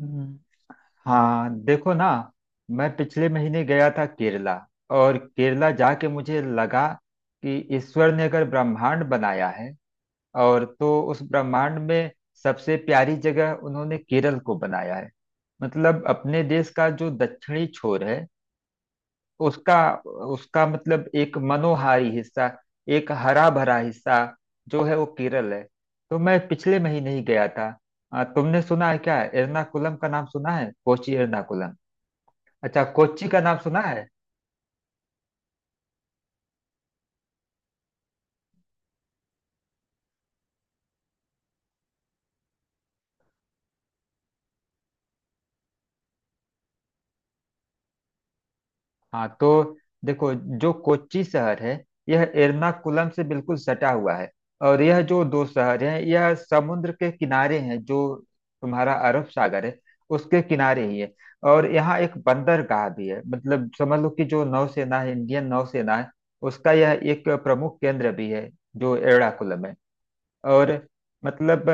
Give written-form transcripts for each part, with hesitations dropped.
हम्म। हाँ देखो ना, मैं पिछले महीने गया था केरला। और केरला जाके मुझे लगा कि ईश्वर ने अगर ब्रह्मांड बनाया है, और तो उस ब्रह्मांड में सबसे प्यारी जगह उन्होंने केरल को बनाया है। मतलब अपने देश का जो दक्षिणी छोर है, उसका उसका मतलब एक मनोहारी हिस्सा, एक हरा भरा हिस्सा जो है वो केरल है। तो मैं पिछले महीने ही गया था। तुमने सुना है क्या? एर्नाकुलम का नाम सुना है? कोची एर्नाकुलम, अच्छा कोच्चि का नाम सुना है? हाँ तो देखो, जो कोच्चि शहर है यह एर्नाकुलम से बिल्कुल सटा हुआ है। और यह जो दो शहर हैं यह समुद्र के किनारे हैं, जो तुम्हारा अरब सागर है उसके किनारे ही है। और यहाँ एक बंदरगाह भी है, मतलब समझ लो कि जो नौसेना है, इंडियन नौसेना है, उसका यह एक प्रमुख केंद्र भी है, जो एर्नाकुलम है। और मतलब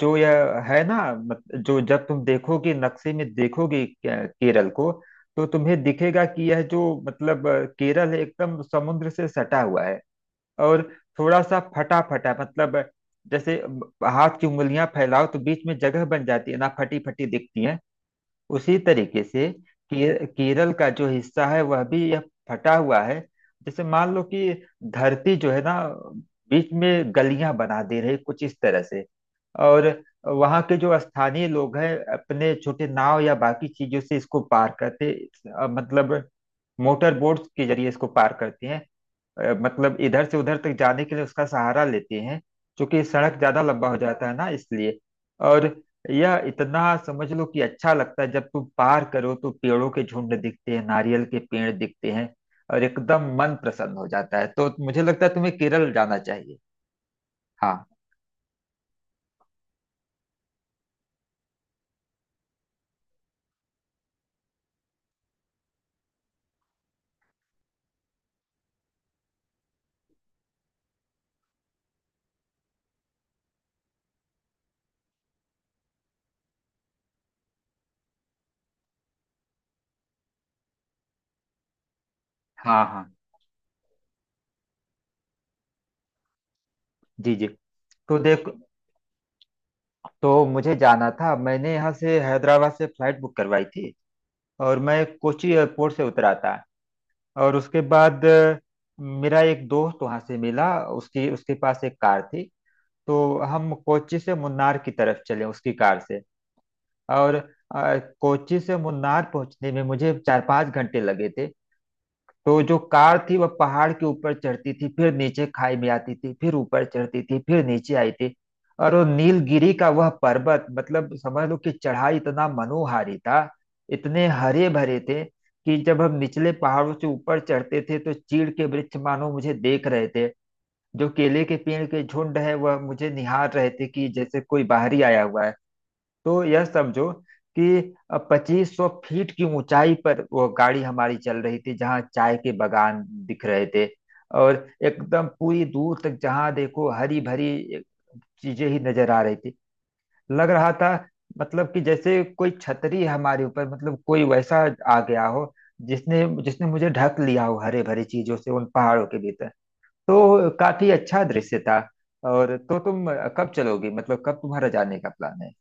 जो यह है ना, मत, जो जब तुम देखोगे, नक्शे में देखोगे केरल को, तो तुम्हें दिखेगा कि यह जो मतलब केरल है, एकदम समुद्र से सटा हुआ है। और थोड़ा सा फटा फटा मतलब, जैसे हाथ की उंगलियां फैलाओ तो बीच में जगह बन जाती है ना, फटी फटी दिखती है। उसी तरीके से केरल का जो हिस्सा है वह भी यह फटा हुआ है। जैसे मान लो कि धरती जो है ना, बीच में गलियां बना दे रही कुछ इस तरह से। और वहाँ के जो स्थानीय लोग हैं अपने छोटे नाव या बाकी चीजों से इसको पार करते, मतलब मोटर बोट्स के जरिए इसको पार करते हैं। मतलब इधर से उधर तक जाने के लिए उसका सहारा लेते हैं, क्योंकि सड़क ज्यादा लंबा हो जाता है ना इसलिए। और यह इतना समझ लो कि अच्छा लगता है, जब तुम पार करो तो पेड़ों के झुंड दिखते हैं, नारियल के पेड़ दिखते हैं। और एकदम मन प्रसन्न हो जाता है, तो मुझे लगता है तुम्हें केरल जाना चाहिए। हाँ हाँ। हाँ। जी जी। तो देख, तो मुझे जाना था, मैंने यहाँ से हैदराबाद से फ्लाइट बुक करवाई थी। और मैं कोची एयरपोर्ट से उतरा था। और उसके बाद मेरा एक दोस्त वहां से मिला। उसकी उसके पास एक कार थी, तो हम कोच्चि से मुन्नार की तरफ चले उसकी कार से। और कोच्चि से मुन्नार पहुंचने में मुझे 4-5 घंटे लगे थे। तो जो कार थी वह पहाड़ के ऊपर चढ़ती थी, फिर नीचे खाई में आती थी, फिर ऊपर चढ़ती थी, फिर नीचे आई थी। और वो नीलगिरी का वह पर्वत, मतलब समझ लो कि चढ़ाई इतना मनोहारी था, इतने हरे भरे थे कि जब हम निचले पहाड़ों से ऊपर चढ़ते थे तो चीड़ के वृक्ष मानो मुझे देख रहे थे। जो केले के पेड़ के झुंड है वह मुझे निहार रहे थे कि जैसे कोई बाहरी आया हुआ है। तो यह समझो कि 2500 फीट की ऊंचाई पर वो गाड़ी हमारी चल रही थी, जहाँ चाय के बागान दिख रहे थे। और एकदम पूरी दूर तक जहाँ देखो हरी भरी चीजें ही नजर आ रही थी। लग रहा था मतलब कि जैसे कोई छतरी हमारे ऊपर, मतलब कोई वैसा आ गया हो जिसने जिसने मुझे ढक लिया हो, हरे भरे चीजों से उन पहाड़ों के भीतर। तो काफी अच्छा दृश्य था। और तो तुम कब चलोगी, मतलब कब तुम्हारा जाने का प्लान है?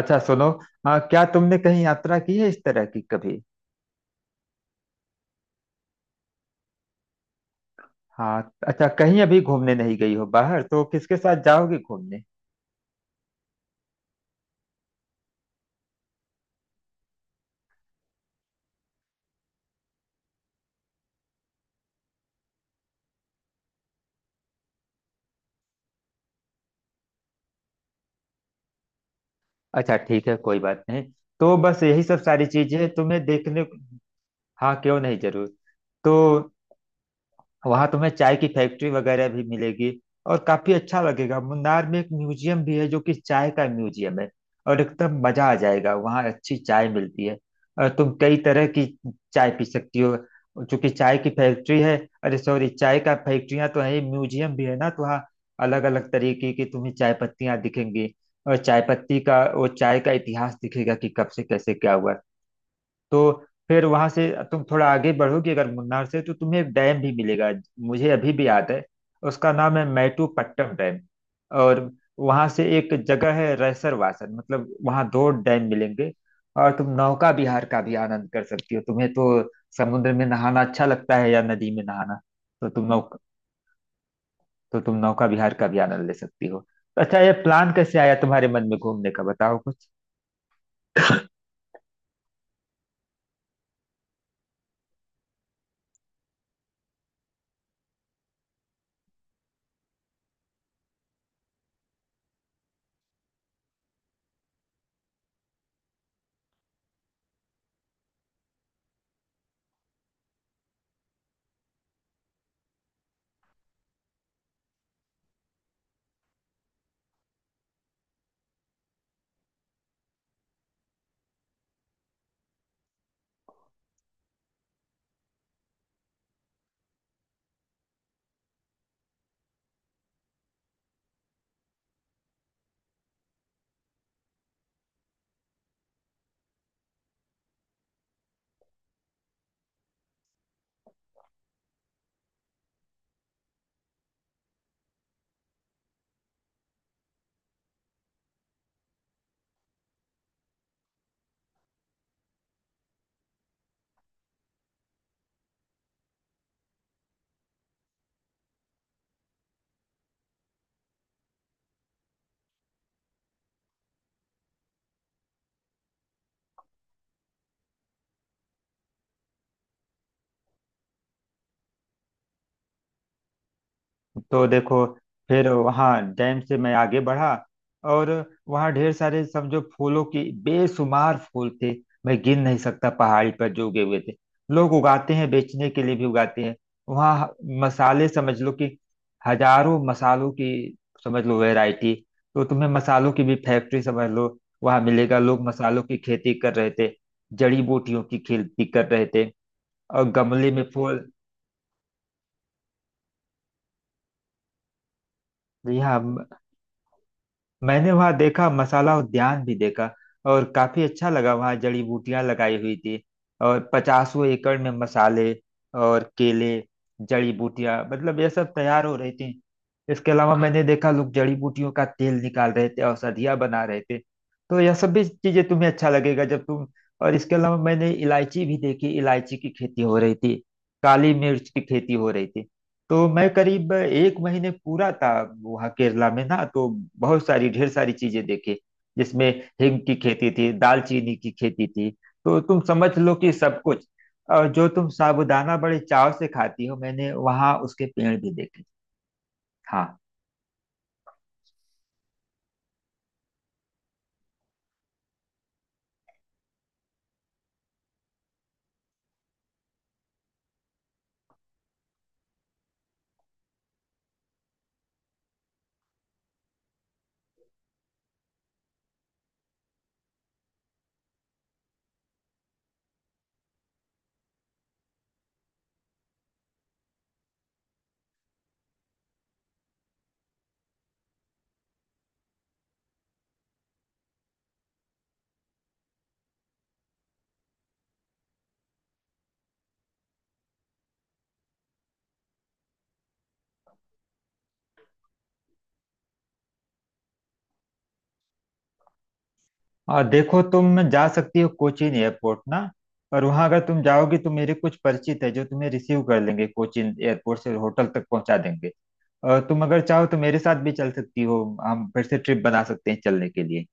अच्छा सुनो, हाँ क्या तुमने कहीं यात्रा की है इस तरह की कभी? हाँ अच्छा, कहीं अभी घूमने नहीं गई हो बाहर, तो किसके साथ जाओगी घूमने? अच्छा ठीक है, कोई बात नहीं। तो बस यही सब सारी चीजें तुम्हें देखने। हाँ क्यों नहीं, जरूर। तो वहां तुम्हें चाय की फैक्ट्री वगैरह भी मिलेगी और काफी अच्छा लगेगा। मुन्नार में एक म्यूजियम भी है जो कि चाय का म्यूजियम है, और एकदम मजा आ जाएगा। वहाँ अच्छी चाय मिलती है और तुम कई तरह की चाय पी सकती हो, चूंकि चाय की फैक्ट्री है। अरे सॉरी, चाय का फैक्ट्रियां तो है ही, म्यूजियम भी है ना, तो वहाँ अलग अलग तरीके की तुम्हें चाय पत्तियां दिखेंगी। और चाय पत्ती का वो चाय का इतिहास दिखेगा कि कब से कैसे क्या हुआ। तो फिर वहां से तुम थोड़ा आगे बढ़ोगे अगर मुन्नार से, तो तुम्हें एक डैम भी मिलेगा। मुझे अभी भी याद है, उसका नाम है मैटूपट्टम डैम। और वहां से एक जगह है रैसरवासन, मतलब वहां दो डैम मिलेंगे। और तुम नौका विहार का भी आनंद कर सकती हो। तुम्हें तो समुद्र में नहाना अच्छा लगता है या नदी में नहाना? तो तुम नौका तो तुम नौका विहार का भी आनंद ले सकती हो। तो अच्छा, ये प्लान कैसे आया तुम्हारे मन में घूमने का, बताओ कुछ। तो देखो, फिर वहाँ डैम से मैं आगे बढ़ा। और वहाँ ढेर सारे, समझो, फूलों की बेशुमार फूल थे, मैं गिन नहीं सकता, पहाड़ी पर जो उगे हुए थे। लोग उगाते हैं, बेचने के लिए भी उगाते हैं। वहाँ मसाले, समझ लो कि हजारों मसालों की, समझ लो, वैरायटी। तो तुम्हें मसालों की भी फैक्ट्री समझ लो वहाँ मिलेगा। लोग मसालों की खेती कर रहे थे, जड़ी बूटियों की खेती कर रहे थे, और गमले में फूल। जी हाँ। मैंने वहां देखा, मसाला उद्यान भी देखा, और काफी अच्छा लगा, वहां जड़ी बूटियां लगाई हुई थी। और पचासों एकड़ में मसाले और केले, जड़ी बूटियां, मतलब ये सब तैयार हो रही थी। इसके अलावा मैंने देखा लोग जड़ी बूटियों का तेल निकाल रहे थे, औषधियां बना रहे थे, तो यह सब भी चीजें तुम्हें अच्छा लगेगा जब तुम। और इसके अलावा मैंने इलायची भी देखी, इलायची की खेती हो रही थी, काली मिर्च की खेती हो रही थी। तो मैं करीब एक महीने पूरा था वहाँ केरला में ना, तो बहुत सारी ढेर सारी चीजें देखी, जिसमें हिंग की खेती थी, दालचीनी की खेती थी। तो तुम समझ लो कि सब कुछ। और जो तुम साबूदाना बड़े चाव से खाती हो, मैंने वहाँ उसके पेड़ भी देखे। हाँ। और देखो तुम जा सकती हो कोचीन एयरपोर्ट ना, और वहाँ अगर तुम जाओगी तो मेरे कुछ परिचित है जो तुम्हें रिसीव कर लेंगे, कोचीन एयरपोर्ट से होटल तक पहुँचा देंगे। और तुम अगर चाहो तो मेरे साथ भी चल सकती हो, हम फिर से ट्रिप बना सकते हैं चलने के लिए।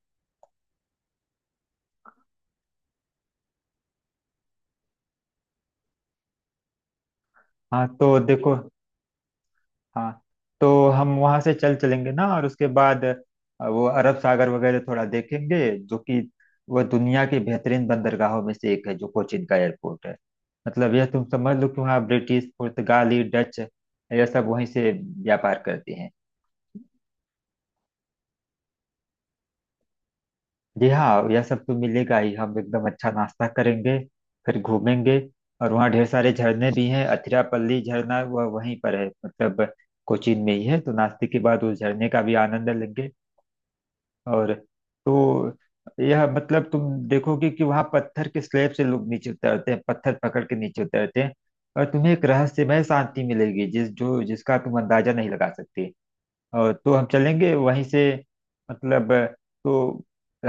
हाँ तो देखो। हाँ, तो हम वहां से चल चलेंगे ना, और उसके बाद वो अरब सागर वगैरह थोड़ा देखेंगे, जो कि वह दुनिया की बेहतरीन बंदरगाहों में से एक है, जो कोचिन का एयरपोर्ट है। मतलब यह तुम समझ लो कि वहाँ ब्रिटिश, पुर्तगाली, डच, यह सब वहीं से व्यापार करते हैं। जी हाँ, यह सब तो मिलेगा ही, हम एकदम अच्छा नाश्ता करेंगे, फिर घूमेंगे। और वहाँ ढेर सारे झरने भी हैं, अथिरापल्ली झरना वह वहीं पर है, मतलब कोचीन में ही है, तो नाश्ते के बाद उस झरने का भी आनंद लेंगे। और तो यह मतलब तुम देखोगे कि वहाँ पत्थर के स्लैब से लोग नीचे उतरते हैं, पत्थर पकड़ के नीचे उतरते हैं। और तुम्हें एक रहस्यमय शांति मिलेगी जिसका तुम अंदाजा नहीं लगा सकते। और तो हम चलेंगे वहीं से, मतलब। तो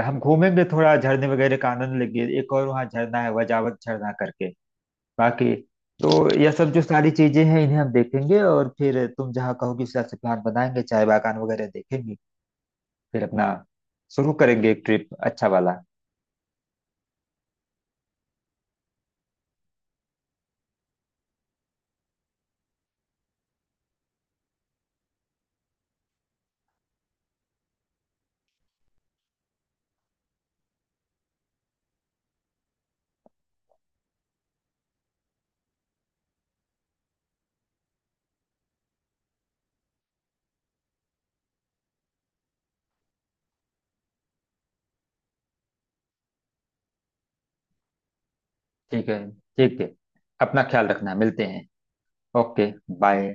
हम घूमेंगे, थोड़ा झरने वगैरह का आनंद लेंगे, एक और वहाँ झरना है वजावत झरना करके। बाकी तो यह सब जो सारी चीजें हैं इन्हें हम देखेंगे, और फिर तुम जहाँ कहोगी उस हिसाब से प्लान बनाएंगे, चाय बागान वगैरह देखेंगे। फिर अपना शुरू करेंगे एक ट्रिप अच्छा वाला। ठीक है। ठीक है। अपना ख्याल रखना, मिलते हैं। Okay bye.